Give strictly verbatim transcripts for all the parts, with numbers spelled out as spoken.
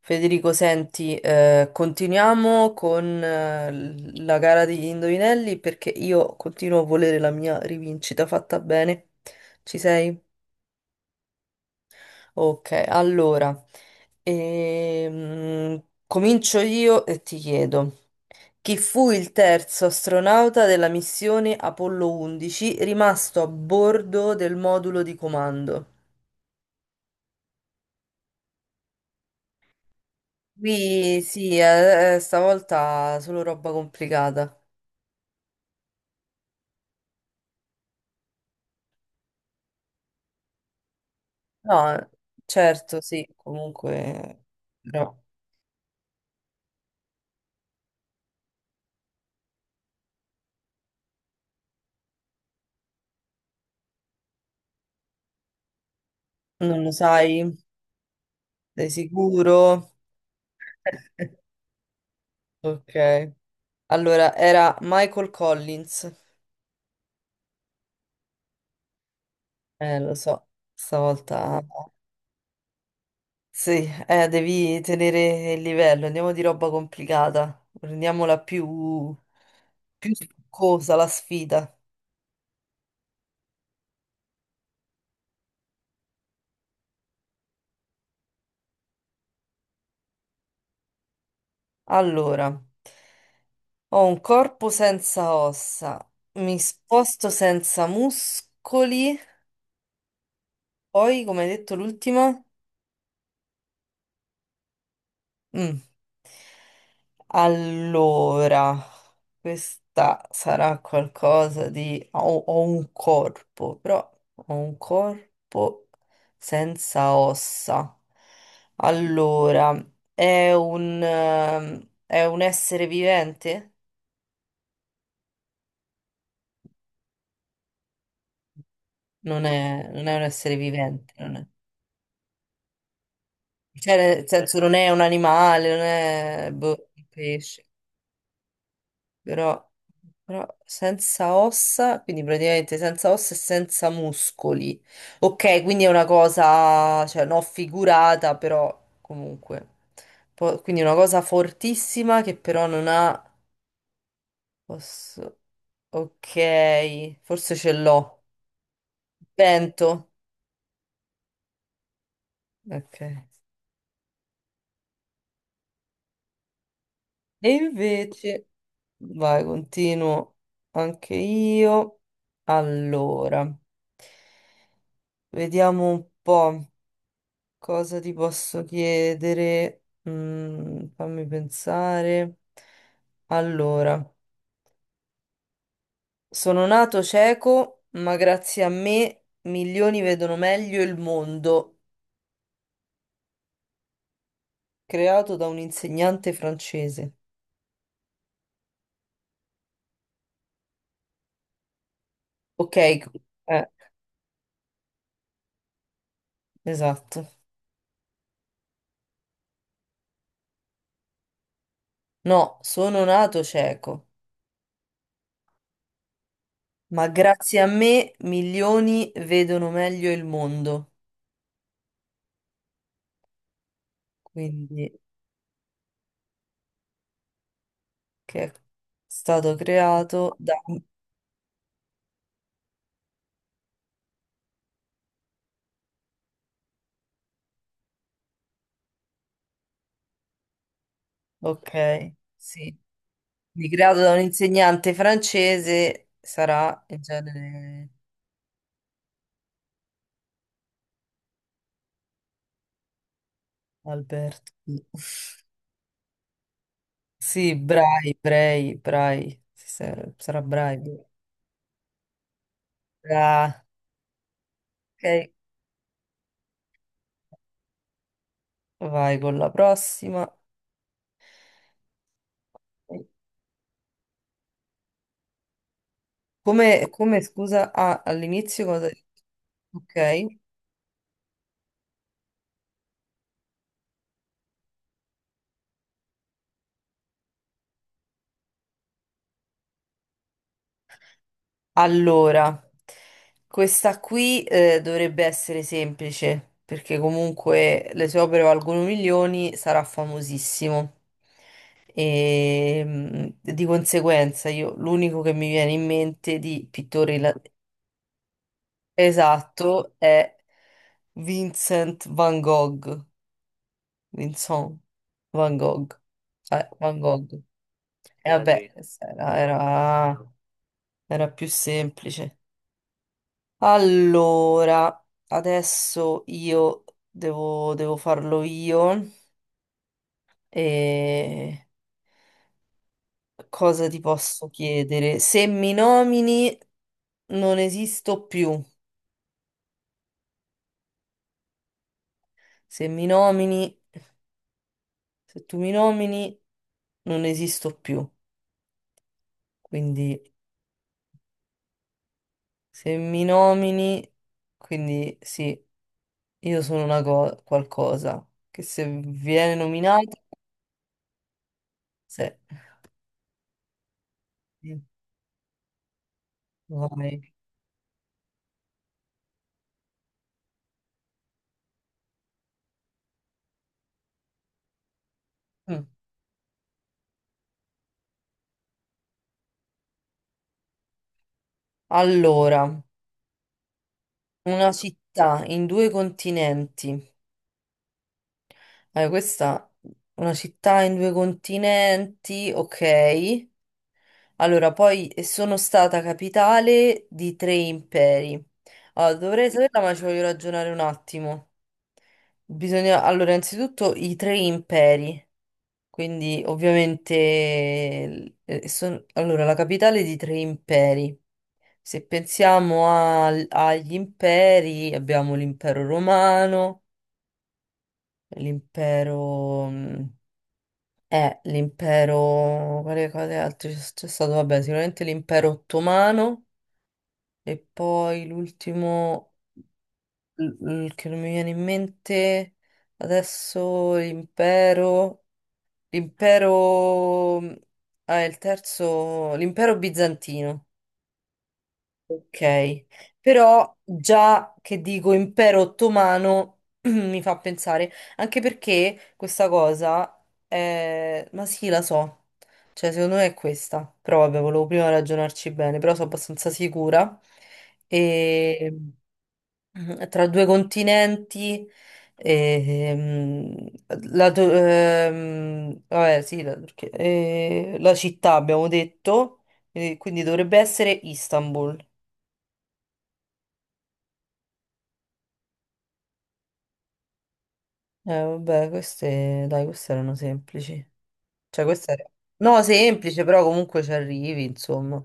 Federico, senti, eh, continuiamo con eh, l- la gara degli indovinelli perché io continuo a volere la mia rivincita fatta bene. Ci sei? Ok, allora, ehm, comincio io e ti chiedo, chi fu il terzo astronauta della missione Apollo undici rimasto a bordo del modulo di comando? Qui sì, eh, eh, stavolta solo roba complicata. No, certo, sì, comunque, però non lo sai, sei sicuro? Ok. Allora, era Michael Collins. Eh, lo so, stavolta... Sì, eh, devi tenere il livello, andiamo di roba complicata, rendiamola più, più succosa la sfida. Allora, ho un corpo senza ossa, mi sposto senza muscoli... Poi, come hai detto, l'ultima? Mm. Allora, questa sarà qualcosa di... Ho, ho un corpo, però ho un corpo senza ossa. Allora, è un, ehm, è un essere vivente? Non è, non è un essere vivente, non è. Cioè, nel senso, non è un animale, non è boh, un pesce. Però, però senza ossa, quindi praticamente senza ossa e senza muscoli. Ok, quindi è una cosa, cioè non figurata, però comunque. Po- quindi una cosa fortissima che però non ha... osso. Ok, forse ce l'ho. Vento. Ok. E invece, vai, continuo anche io. Allora, vediamo un po'. Cosa ti posso chiedere? Mm, fammi pensare. Allora, sono nato cieco, ma grazie a me milioni vedono meglio il mondo, creato da un insegnante francese. Ok, eh, esatto. No, sono nato cieco, ma grazie a me milioni vedono meglio il mondo. Quindi, che è stato creato da... Ok, sì. Creato da un insegnante francese, sarà in genere Alberto. Sì, Brai, Brai, Brai, sì, sa- sarà Brai. Ah, ok, vai con la prossima. Come, come, scusa, ah, all'inizio cosa? Ok. Allora, questa qui eh, dovrebbe essere semplice, perché comunque le sue opere valgono milioni, sarà famosissimo. E mm, di conseguenza, io l'unico che mi viene in mente di pittore ila- esatto è Vincent Van Gogh. Vincent Van Gogh. Eh, Van Gogh. E era vabbè, lui. era, era era più semplice. Allora, adesso io devo, devo farlo io. E cosa ti posso chiedere? Se mi nomini, non esisto più. Se mi nomini, se tu mi nomini, non esisto più. Quindi, se mi nomini, quindi sì, io sono una cosa, qualcosa che se viene nominato, se... Vai. Mm. Allora. Una città in due continenti. Allora, questa una città in due continenti, ok. Allora, poi eh, sono stata capitale di tre imperi. Allora, dovrei saperla, ma ci voglio ragionare un attimo. Bisogna, allora, innanzitutto i tre imperi. Quindi, ovviamente, eh, eh, son- allora, la capitale di tre imperi. Se pensiamo al- agli imperi, abbiamo l'impero romano. L'impero... mm, eh, l'impero... Quali cose altre c'è c'è stato? Vabbè, sicuramente l'impero ottomano e poi l'ultimo l- l- che non mi viene in mente adesso l'impero... L'impero... Ah, il terzo... L'impero bizantino. Ok, però già che dico impero ottomano mi fa pensare, anche perché questa cosa è... ma sì, la so, cioè secondo me è questa, però vabbè, volevo prima ragionarci bene, però sono abbastanza sicura. E mm, tra due continenti, e, mm, la, tu- ehm, vabbè, sì, la, Turchia- eh, la città abbiamo detto, eh, quindi dovrebbe essere Istanbul. Eh, vabbè, queste, dai, queste erano semplici. Cioè, questa era... No, semplice, però comunque ci arrivi, insomma.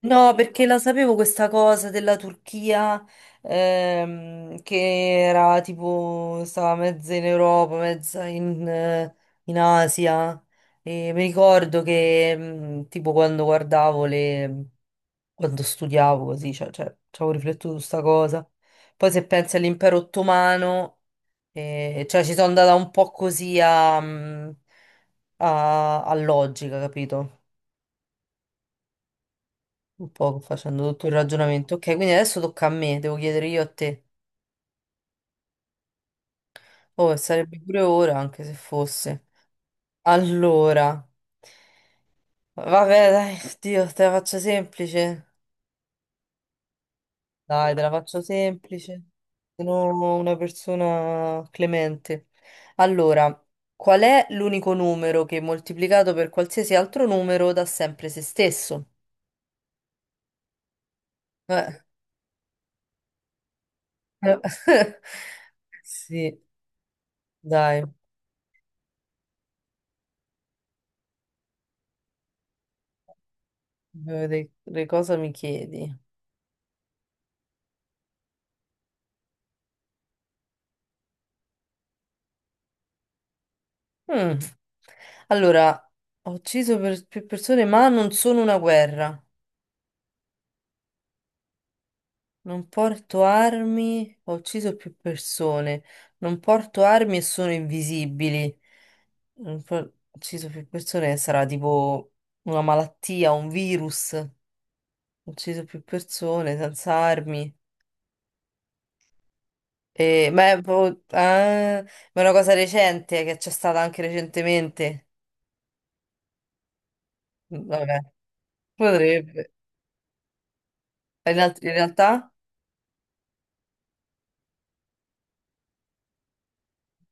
No, perché la sapevo questa cosa della Turchia, ehm, che era tipo, stava mezza in Europa, mezza in, eh, in Asia. E mi ricordo che, mm, tipo, quando guardavo le... quando studiavo così, cioè, cioè, ci avevo riflettuto su sta cosa. Poi se pensi all'impero ottomano... E- cioè ci sono andata un po' così a, mm, a- a logica, capito? Un po' facendo tutto il ragionamento. Ok, quindi adesso tocca a me, devo chiedere io a te. Oh, e sarebbe pure ora, anche se fosse. Allora, vabbè, dai, Dio, te la faccio semplice. Dai, te la faccio semplice. Sono una persona clemente. Allora, qual è l'unico numero che moltiplicato per qualsiasi altro numero dà sempre se stesso? Eh. Eh, sì, dai, voglio vedere che cosa mi chiedi. Mm. Allora, ho ucciso per- più persone, ma non sono una guerra. Non porto armi, ho ucciso più persone. Non porto armi e sono invisibili. Non por- ho ucciso più persone, sarà tipo una malattia, un virus. Ho ucciso più persone senza armi. Eh, ma è, proprio- ah, ma è una cosa recente che c'è stata anche recentemente. Mm, vabbè, potrebbe. In, alt- in realtà?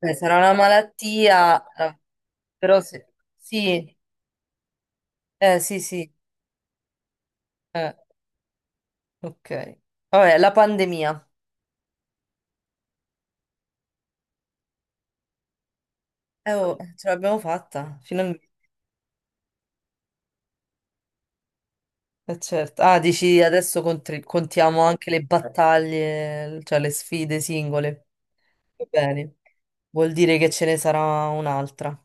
Beh, sarà una malattia, eh, però se- sì, eh, sì, sì, eh, ok. Vabbè, la pandemia. Eh, oh, eh, ce l'abbiamo fatta, finalmente. Eh, certo. Ah, dici adesso contri- contiamo anche le battaglie, cioè le sfide singole. Va bene, vuol dire che ce ne sarà un'altra.